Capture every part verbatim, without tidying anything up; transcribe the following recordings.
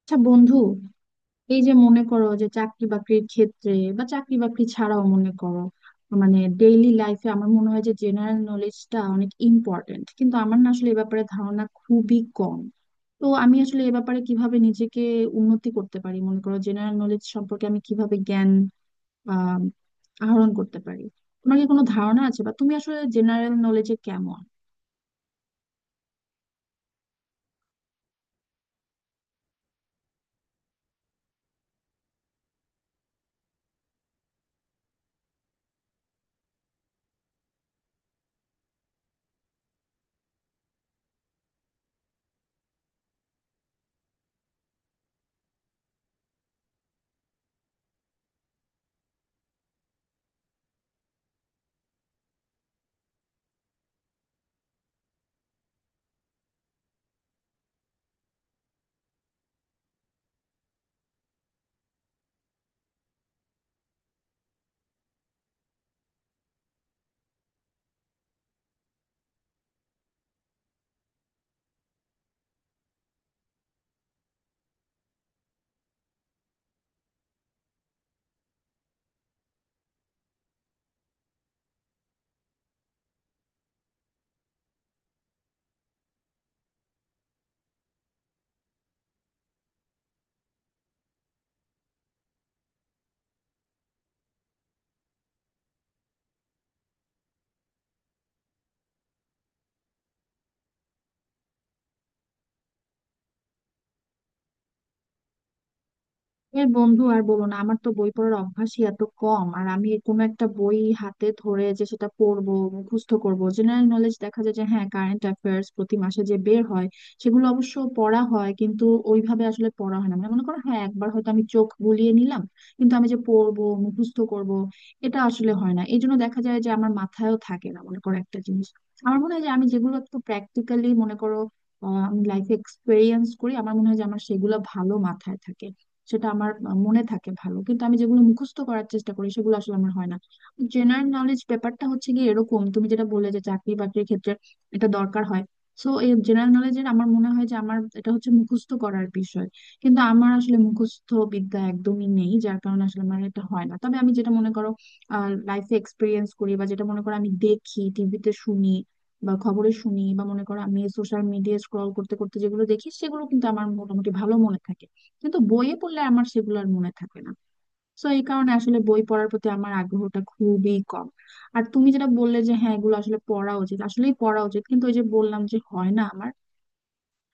আচ্ছা বন্ধু, এই যে মনে করো যে চাকরি বাকরির ক্ষেত্রে বা চাকরি বাকরি ছাড়াও মনে করো মানে ডেইলি লাইফে আমার মনে হয় যে জেনারেল নলেজটা অনেক ইম্পর্টেন্ট, কিন্তু আমার না আসলে এ ব্যাপারে ধারণা খুবই কম। তো আমি আসলে এ ব্যাপারে কিভাবে নিজেকে উন্নতি করতে পারি, মনে করো জেনারেল নলেজ সম্পর্কে আমি কিভাবে জ্ঞান আহ আহরণ করতে পারি? তোমার কি কোনো ধারণা আছে, বা তুমি আসলে জেনারেল নলেজে কেমন? এর বন্ধু আর বলো না, আমার তো বই পড়ার অভ্যাসই এত কম। আর আমি কোনো একটা বই হাতে ধরে যে সেটা পড়বো মুখস্থ করবো, জেনারেল নলেজ দেখা যায় যে হ্যাঁ কারেন্ট অ্যাফেয়ার্স প্রতি মাসে যে বের হয় সেগুলো অবশ্য পড়া হয়, কিন্তু ওইভাবে আসলে পড়া হয় না। মানে মনে করো হ্যাঁ একবার হয়তো আমি চোখ বুলিয়ে নিলাম, কিন্তু আমি যে পড়বো মুখস্থ করব এটা আসলে হয় না। এই জন্য দেখা যায় যে আমার মাথায়ও থাকে না মনে করো একটা জিনিস। আমার মনে হয় যে আমি যেগুলো একটু প্র্যাকটিক্যালি মনে করো আহ, আমি লাইফে এক্সপেরিয়েন্স করি আমার মনে হয় যে আমার সেগুলো ভালো মাথায় থাকে। সেটা আমার মনে থাকে ভালো, কিন্তু আমি যেগুলো মুখস্থ করার চেষ্টা করি সেগুলো আসলে আমার হয় না। জেনারেল নলেজ ব্যাপারটা হচ্ছে কি, এরকম তুমি যেটা বললে যে চাকরি বাকরির ক্ষেত্রে এটা দরকার হয়। সো এই জেনারেল নলেজের আমার মনে হয় যে আমার এটা হচ্ছে মুখস্থ করার বিষয়, কিন্তু আমার আসলে মুখস্থ বিদ্যা একদমই নেই যার কারণে আসলে আমার এটা হয় না। তবে আমি যেটা মনে করো লাইফে এক্সপিরিয়েন্স করি, বা যেটা মনে করো আমি দেখি টিভিতে শুনি বা খবরে শুনি, বা মনে করো আমি সোশ্যাল মিডিয়া স্ক্রল করতে করতে যেগুলো দেখি সেগুলো কিন্তু আমার মোটামুটি ভালো মনে থাকে। কিন্তু বইয়ে পড়লে আমার সেগুলো আর মনে থাকে না। তো এই কারণে আসলে বই পড়ার প্রতি আমার আগ্রহটা খুবই কম। আর তুমি যেটা বললে যে হ্যাঁ এগুলো আসলে পড়া উচিত, আসলেই পড়া উচিত, কিন্তু ওই যে বললাম যে হয় না আমার।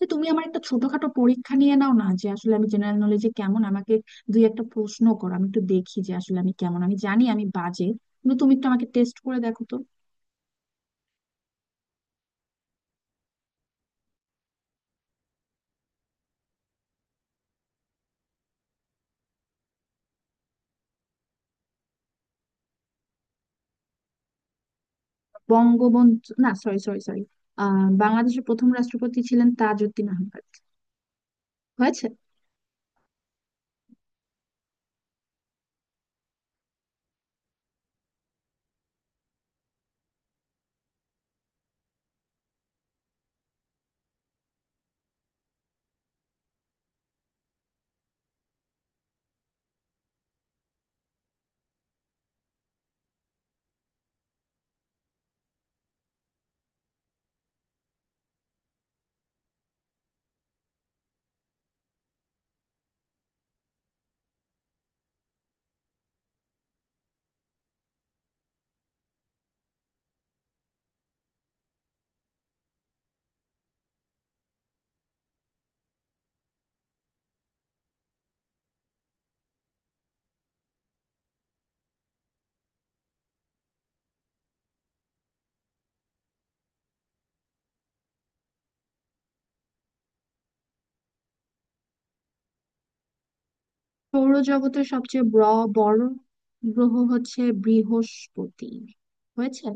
যে তুমি আমার একটা ছোটখাটো পরীক্ষা নিয়ে নাও না যে আসলে আমি জেনারেল নলেজে কেমন, আমাকে দুই একটা প্রশ্ন করো আমি একটু দেখি যে আসলে আমি কেমন। আমি জানি আমি বাজে, কিন্তু তুমি একটু আমাকে টেস্ট করে দেখো তো। বঙ্গবন্ধু, না, সরি, সরি, সরি। আহ বাংলাদেশের প্রথম রাষ্ট্রপতি ছিলেন তাজউদ্দিন আহমেদ। হয়েছে? সৌরজগতের সবচেয়ে ব- বড় গ্রহ হচ্ছে বৃহস্পতি। হয়েছে?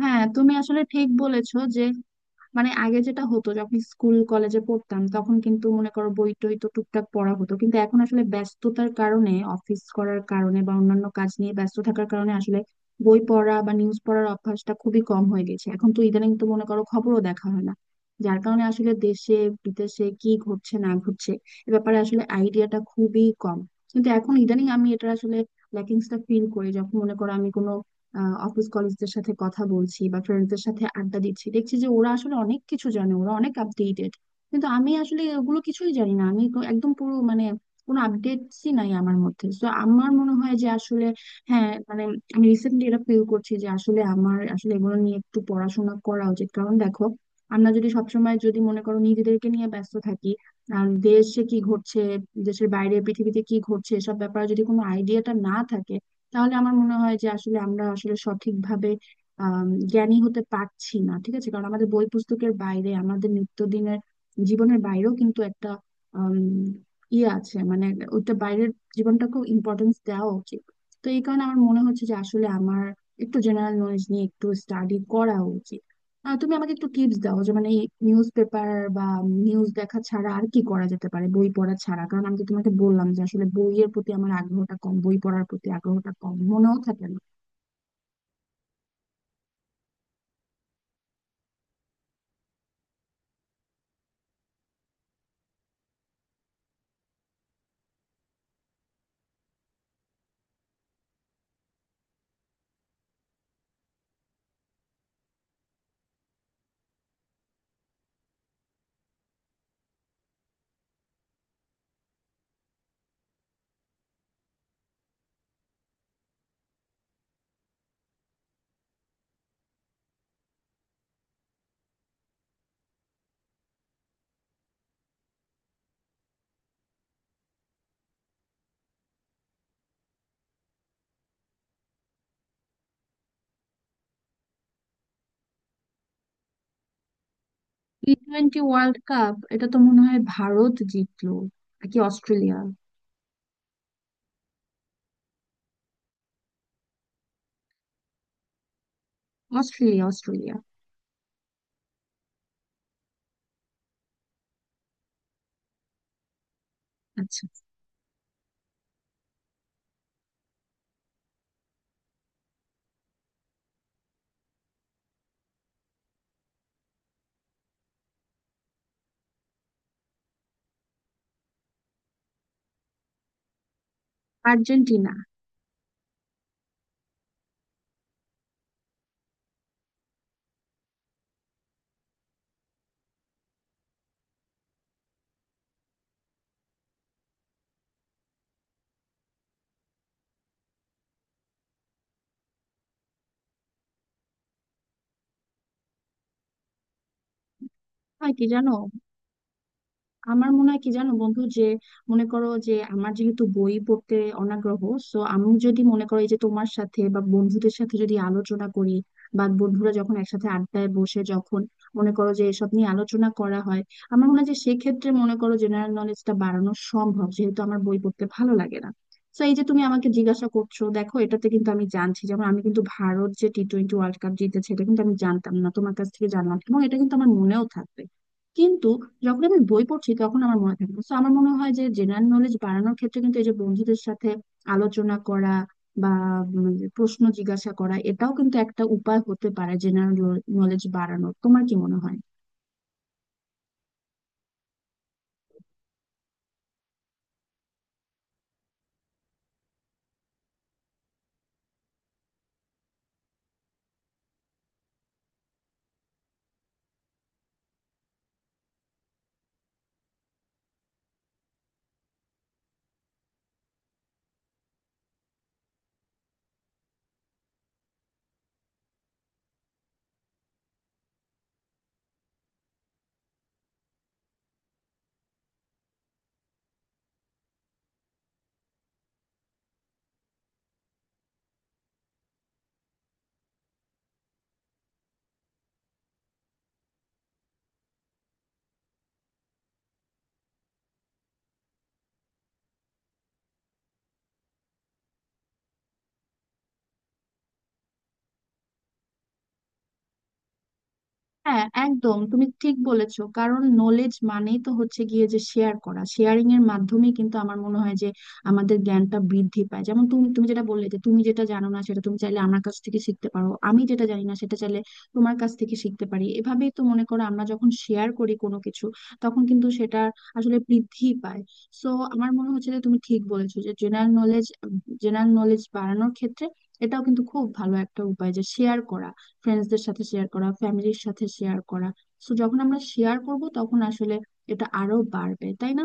হ্যাঁ তুমি আসলে ঠিক বলেছো যে মানে আগে যেটা হতো যখন স্কুল কলেজে পড়তাম তখন কিন্তু মনে করো বই টই তো টুকটাক পড়া হতো, কিন্তু এখন আসলে ব্যস্ততার কারণে অফিস করার কারণে বা অন্যান্য কাজ নিয়ে ব্যস্ত থাকার কারণে আসলে বই পড়া বা নিউজ পড়ার অভ্যাসটা খুবই কম হয়ে গেছে। এখন তো ইদানিং তো মনে করো খবরও দেখা হয় না, যার কারণে আসলে দেশে বিদেশে কি ঘটছে না ঘটছে এ ব্যাপারে আসলে আইডিয়াটা খুবই কম। কিন্তু এখন ইদানিং আমি এটা আসলে ল্যাকিংসটা ফিল করি যখন মনে করো আমি কোনো অফিস কলিগদের সাথে কথা বলছি বা ফ্রেন্ডসদের সাথে আড্ডা দিচ্ছি, দেখছি যে ওরা আসলে অনেক কিছু জানে, ওরা অনেক আপডেটেড। কিন্তু আমি আসলে ওগুলো কিছুই জানি না, আমি তো একদম পুরো মানে কোনো আপডেটসই নাই আমার মধ্যে। তো আমার মনে হয় যে আসলে হ্যাঁ মানে আমি রিসেন্টলি এটা ফিল করছি যে আসলে আমার আসলে এগুলো নিয়ে একটু পড়াশোনা করা উচিত। কারণ দেখো, আমরা যদি সবসময় যদি মনে করো নিজেদেরকে নিয়ে ব্যস্ত থাকি আর দেশে কি ঘটছে, দেশের বাইরে পৃথিবীতে কি ঘটছে এসব ব্যাপারে যদি কোনো আইডিয়াটা না থাকে তাহলে আমার মনে হয় যে আসলে আমরা আসলে সঠিকভাবে আম, জ্ঞানী হতে পারছি না, ঠিক আছে? কারণ আমাদের বই পুস্তকের বাইরে আমাদের নিত্যদিনের জীবনের বাইরেও কিন্তু একটা আম, ইয়ে আছে, মানে ওইটা বাইরের জীবনটাকেও ইম্পর্টেন্স দেওয়া উচিত। তো এই কারণে আমার মনে হচ্ছে যে আসলে আমার একটু জেনারেল নলেজ নিয়ে একটু স্টাডি করা উচিত। আহ, তুমি আমাকে একটু টিপস দাও যে মানে নিউজ পেপার বা নিউজ দেখা ছাড়া আর কি করা যেতে পারে, বই পড়া ছাড়া? কারণ আমি তো তোমাকে বললাম যে আসলে বইয়ের প্রতি আমার আগ্রহটা কম, বই পড়ার প্রতি আগ্রহটা কম, মনেও থাকে না। টি টোয়েন্টি ওয়ার্ল্ড কাপ এটা তো মনে হয় ভারত জিতলো, নাকি অস্ট্রেলিয়া? Australia, Australia. আচ্ছা। আর্জেন্টিনা। হয় কি জানো? আমার মনে হয় কি জানো বন্ধু, যে মনে করো যে আমার যেহেতু বই পড়তে অনাগ্রহ, সো আমি যদি মনে করো এই যে তোমার সাথে বা বন্ধুদের সাথে যদি আলোচনা করি বা বন্ধুরা যখন একসাথে আড্ডায় বসে যখন মনে করো যে এসব নিয়ে আলোচনা করা হয়, আমার মনে হয় যে সেক্ষেত্রে মনে করো জেনারেল নলেজটা বাড়ানো সম্ভব, যেহেতু আমার বই পড়তে ভালো লাগে না। তো এই যে তুমি আমাকে জিজ্ঞাসা করছো দেখো, এটাতে কিন্তু আমি জানছি, যেমন আমি কিন্তু ভারত যে টি টোয়েন্টি ওয়ার্ল্ড কাপ জিতেছে এটা কিন্তু আমি জানতাম না, তোমার কাছ থেকে জানলাম এবং এটা কিন্তু আমার মনেও থাকবে। কিন্তু যখন আমি বই পড়ছি তখন আমার মনে থাকে না। তো আমার মনে হয় যে জেনারেল নলেজ বাড়ানোর ক্ষেত্রে কিন্তু এই যে বন্ধুদের সাথে আলোচনা করা বা উম যে প্রশ্ন জিজ্ঞাসা করা এটাও কিন্তু একটা উপায় হতে পারে জেনারেল নলেজ বাড়ানোর। তোমার কি মনে হয়? হ্যাঁ একদম তুমি ঠিক বলেছো, কারণ নলেজ মানেই তো হচ্ছে গিয়ে যে শেয়ার করা, শেয়ারিং এর মাধ্যমে কিন্তু আমার মনে হয় যে আমাদের জ্ঞানটা বৃদ্ধি পায়। যেমন তুমি তুমি যেটা বললে যে তুমি যেটা জানো না সেটা তুমি চাইলে আমার কাছ থেকে শিখতে পারো, আমি যেটা জানি না সেটা চাইলে তোমার কাছ থেকে শিখতে পারি। এভাবেই তো মনে করো আমরা যখন শেয়ার করি কোনো কিছু তখন কিন্তু সেটা আসলে বৃদ্ধি পায়। সো আমার মনে হচ্ছে যে তুমি ঠিক বলেছো যে জেনারেল নলেজ জেনারেল নলেজ বাড়ানোর ক্ষেত্রে এটাও কিন্তু খুব ভালো একটা উপায়, যে শেয়ার করা, ফ্রেন্ডসদের সাথে শেয়ার করা, ফ্যামিলির সাথে শেয়ার করা। সো যখন আমরা শেয়ার করব তখন আসলে এটা আরো বাড়বে, তাই না?